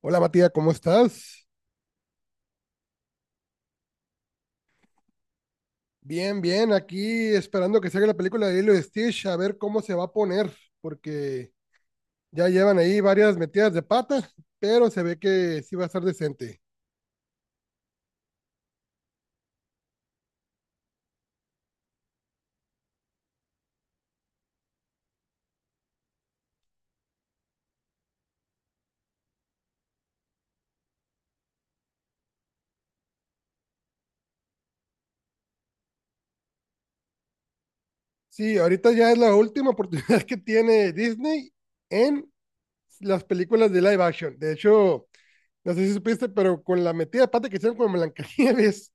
Hola Matías, ¿cómo estás? Bien, bien, aquí esperando que salga la película de Lilo y Stitch, a ver cómo se va a poner, porque ya llevan ahí varias metidas de pata, pero se ve que sí va a estar decente. Sí, ahorita ya es la última oportunidad que tiene Disney en las películas de live action. De hecho, no sé si supiste, pero con la metida de pata que hicieron con Blancanieves,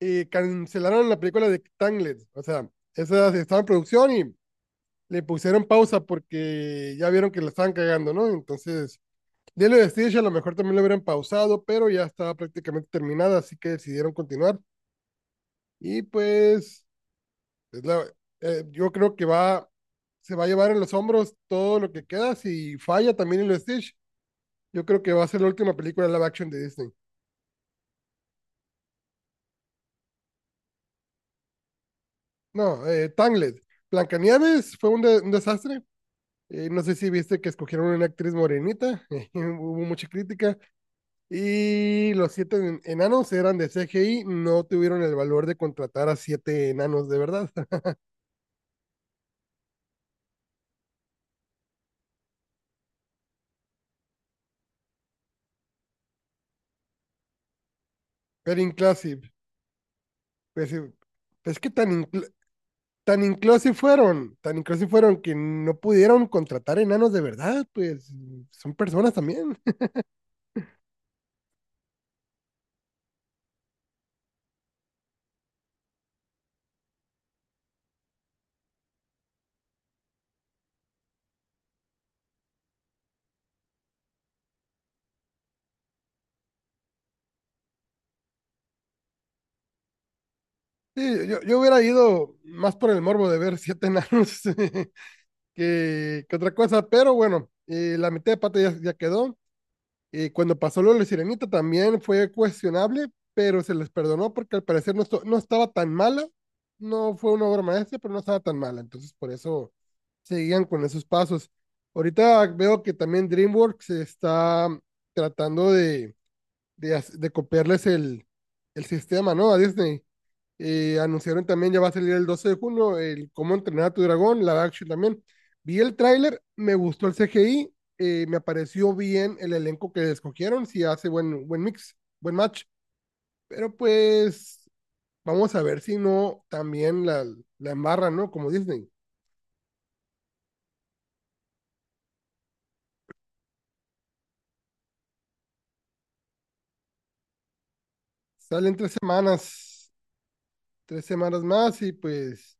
cancelaron la película de Tangled. O sea, esa estaba en producción y le pusieron pausa porque ya vieron que la estaban cagando, ¿no? Entonces, Lilo de Stitch a lo mejor también lo hubieran pausado, pero ya estaba prácticamente terminada, así que decidieron continuar. Y pues, es la, yo creo que va, se va a llevar en los hombros todo lo que queda. Si falla también Lilo de Stitch, yo creo que va a ser la última película live action de Disney. No, Tangled. Blancanieves fue un desastre. No sé si viste que escogieron una actriz morenita, hubo mucha crítica. Y los siete enanos eran de CGI, no tuvieron el valor de contratar a siete enanos de verdad. Pero inclusive, pues, pues que tan, incl- tan inclusive fueron que no pudieron contratar enanos de verdad, pues son personas también. Sí, yo hubiera ido más por el morbo de ver siete enanos que otra cosa, pero bueno, la mitad de pata ya quedó. Y cuando pasó lo de la sirenita también fue cuestionable, pero se les perdonó porque al parecer no, no estaba tan mala. No fue una obra maestra, pero no estaba tan mala. Entonces, por eso seguían con esos pasos. Ahorita veo que también DreamWorks está tratando de copiarles el sistema, ¿no? A Disney. Anunciaron también, ya va a salir el 12 de junio, el Cómo entrenar a tu dragón, la action también. Vi el tráiler, me gustó el CGI, me pareció bien el elenco que escogieron, si hace buen mix, buen match. Pero pues vamos a ver si no también la embarran, ¿no? Como Disney. Salen 3 semanas más y pues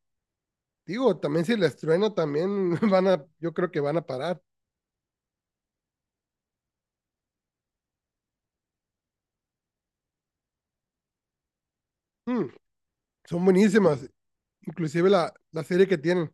digo, también si la truena también yo creo que van a parar. Hmm. Son buenísimas. Inclusive la serie que tienen.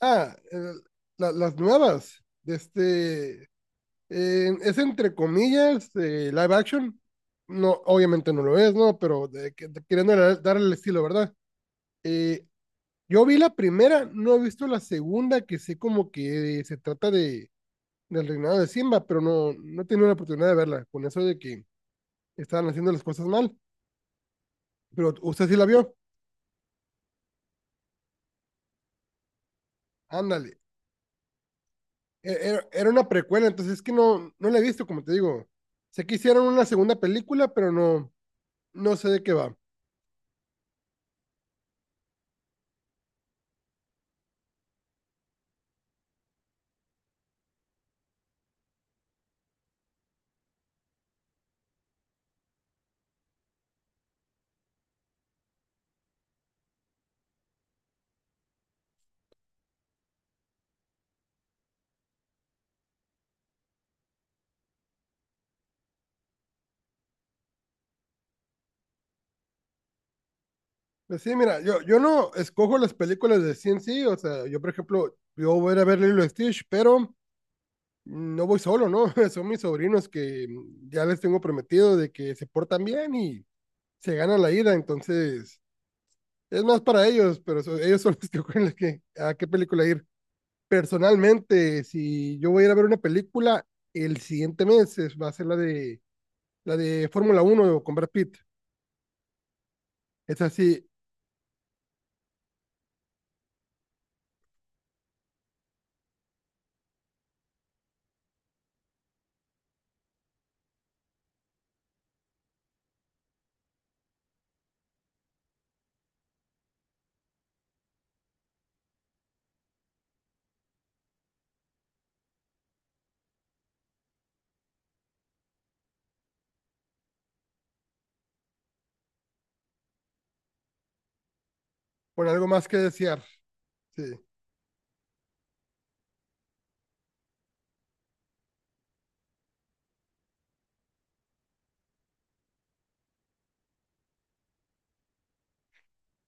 Ah, las nuevas. De este, es entre comillas live action. No, obviamente no lo es, ¿no? Pero de queriendo darle el estilo, ¿verdad? Eh, yo vi la primera, no he visto la segunda, que sé como que se trata del reinado de Simba, pero no, no he tenido la oportunidad de verla, con eso de que estaban haciendo las cosas mal. Pero usted sí la vio. Ándale. Era una precuela, entonces es que no, no la he visto, como te digo. Sé que hicieron una segunda película, pero no, no sé de qué va. Pero sí, mira, yo no escojo las películas de CNC, o sea, yo por ejemplo, yo voy a ir a ver Lilo y Stitch, pero no voy solo, ¿no? Son mis sobrinos que ya les tengo prometido de que se portan bien y se ganan la ida, entonces es más para ellos, pero ellos son los que escogen a qué película ir. Personalmente, si yo voy a ir a ver una película, el siguiente mes va a ser la de Fórmula 1 con Brad Pitt. Es así, con algo más que desear. Sí.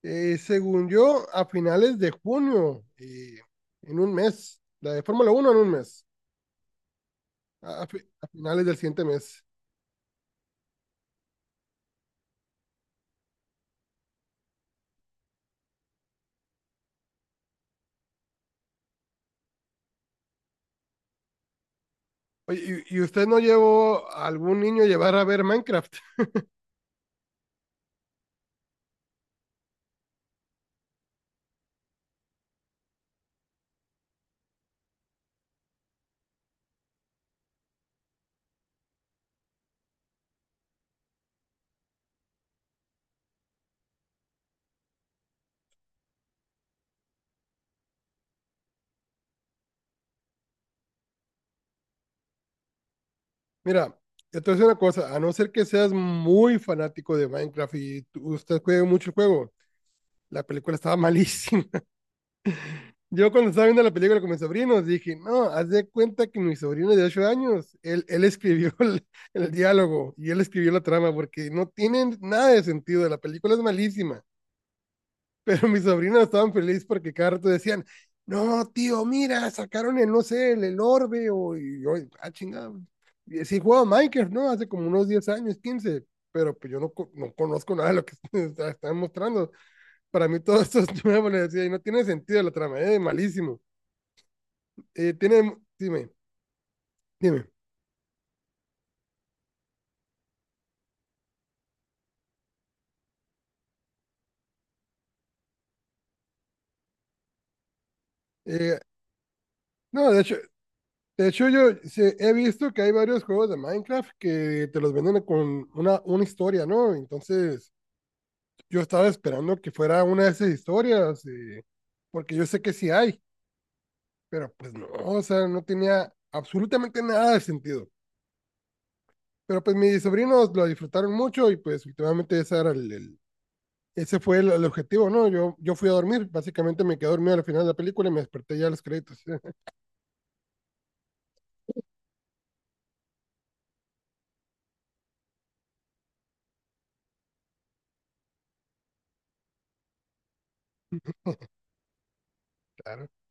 Según yo, a finales de junio, en un mes, la de Fórmula 1 en un mes, a finales del siguiente mes. Oye, ¿y usted no llevó a algún niño a llevar a ver Minecraft? Mira, yo te voy una cosa, a no ser que seas muy fanático de Minecraft y usted juegue mucho el juego, la película estaba malísima. Yo cuando estaba viendo la película con mis sobrinos dije, no, haz de cuenta que mi sobrino de 8 años, él escribió el diálogo y él escribió la trama porque no tienen nada de sentido, la película es malísima, pero mis sobrinos estaban felices porque cada rato decían, no, tío, mira, sacaron el, no sé, el orbe o, y yo, ah, chingado, y sí jugaba Minecraft, ¿no? Hace como unos 10 años, 15. Pero pues yo no, no conozco nada de lo que están mostrando, para mí todo esto es nuevo, le decía, y no tiene sentido la trama, es malísimo. Dime, dime. Eh, no, de hecho, yo he visto que hay varios juegos de Minecraft que te los venden con una historia, ¿no? Entonces, yo estaba esperando que fuera una de esas historias, porque yo sé que sí hay, pero pues no, o sea, no tenía absolutamente nada de sentido. Pero pues mis sobrinos lo disfrutaron mucho y pues últimamente ese era ese fue el objetivo, ¿no? Yo fui a dormir, básicamente me quedé dormido al final de la película y me desperté ya a los créditos.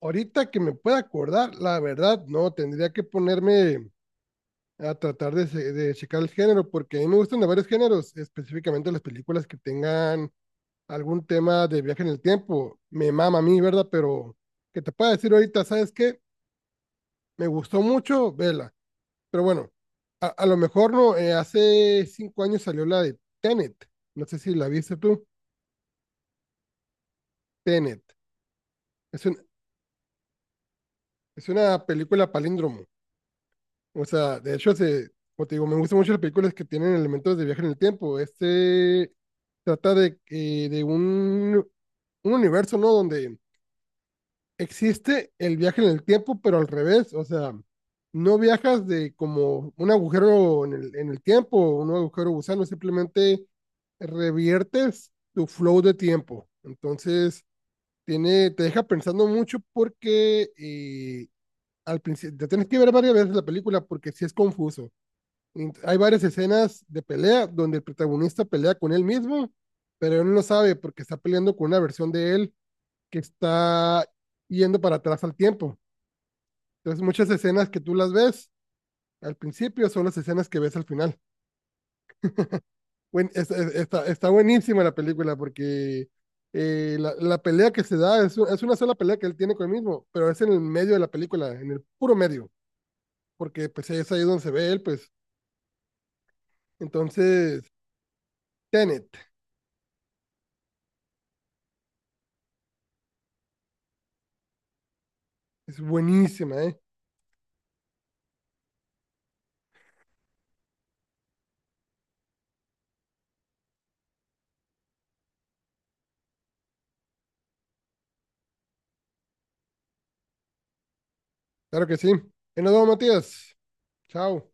Ahorita que me pueda acordar, la verdad, no, tendría que ponerme a tratar de checar el género, porque a mí me gustan de varios géneros, específicamente las películas que tengan algún tema de viaje en el tiempo. Me mama a mí, ¿verdad? Pero que te pueda decir ahorita, ¿sabes qué? Me gustó mucho, vela. Pero bueno, a lo mejor no, hace 5 años salió la de Tenet. No sé si la viste tú. Tenet. Es un- es una película palíndromo. O sea, de hecho, como te digo, me gustan mucho las películas que tienen elementos de viaje en el tiempo. Este trata de un universo, ¿no? Donde existe el viaje en el tiempo, pero al revés. O sea, no viajas de como un agujero en el tiempo, un agujero gusano, simplemente reviertes tu flow de tiempo. Entonces, te deja pensando mucho porque al principio, te tienes que ver varias veces la película porque sí es confuso. Hay varias escenas de pelea donde el protagonista pelea con él mismo, pero él no sabe porque está peleando con una versión de él que está yendo para atrás al tiempo. Entonces, muchas escenas que tú las ves al principio son las escenas que ves al final. Está buenísima la película porque la pelea que se da es una sola pelea que él tiene con él mismo, pero es en el medio de la película, en el puro medio, porque pues es ahí donde se ve él, pues. Entonces, Tenet es buenísima, ¿eh? Claro que sí. Y nos vemos, Matías. Chao.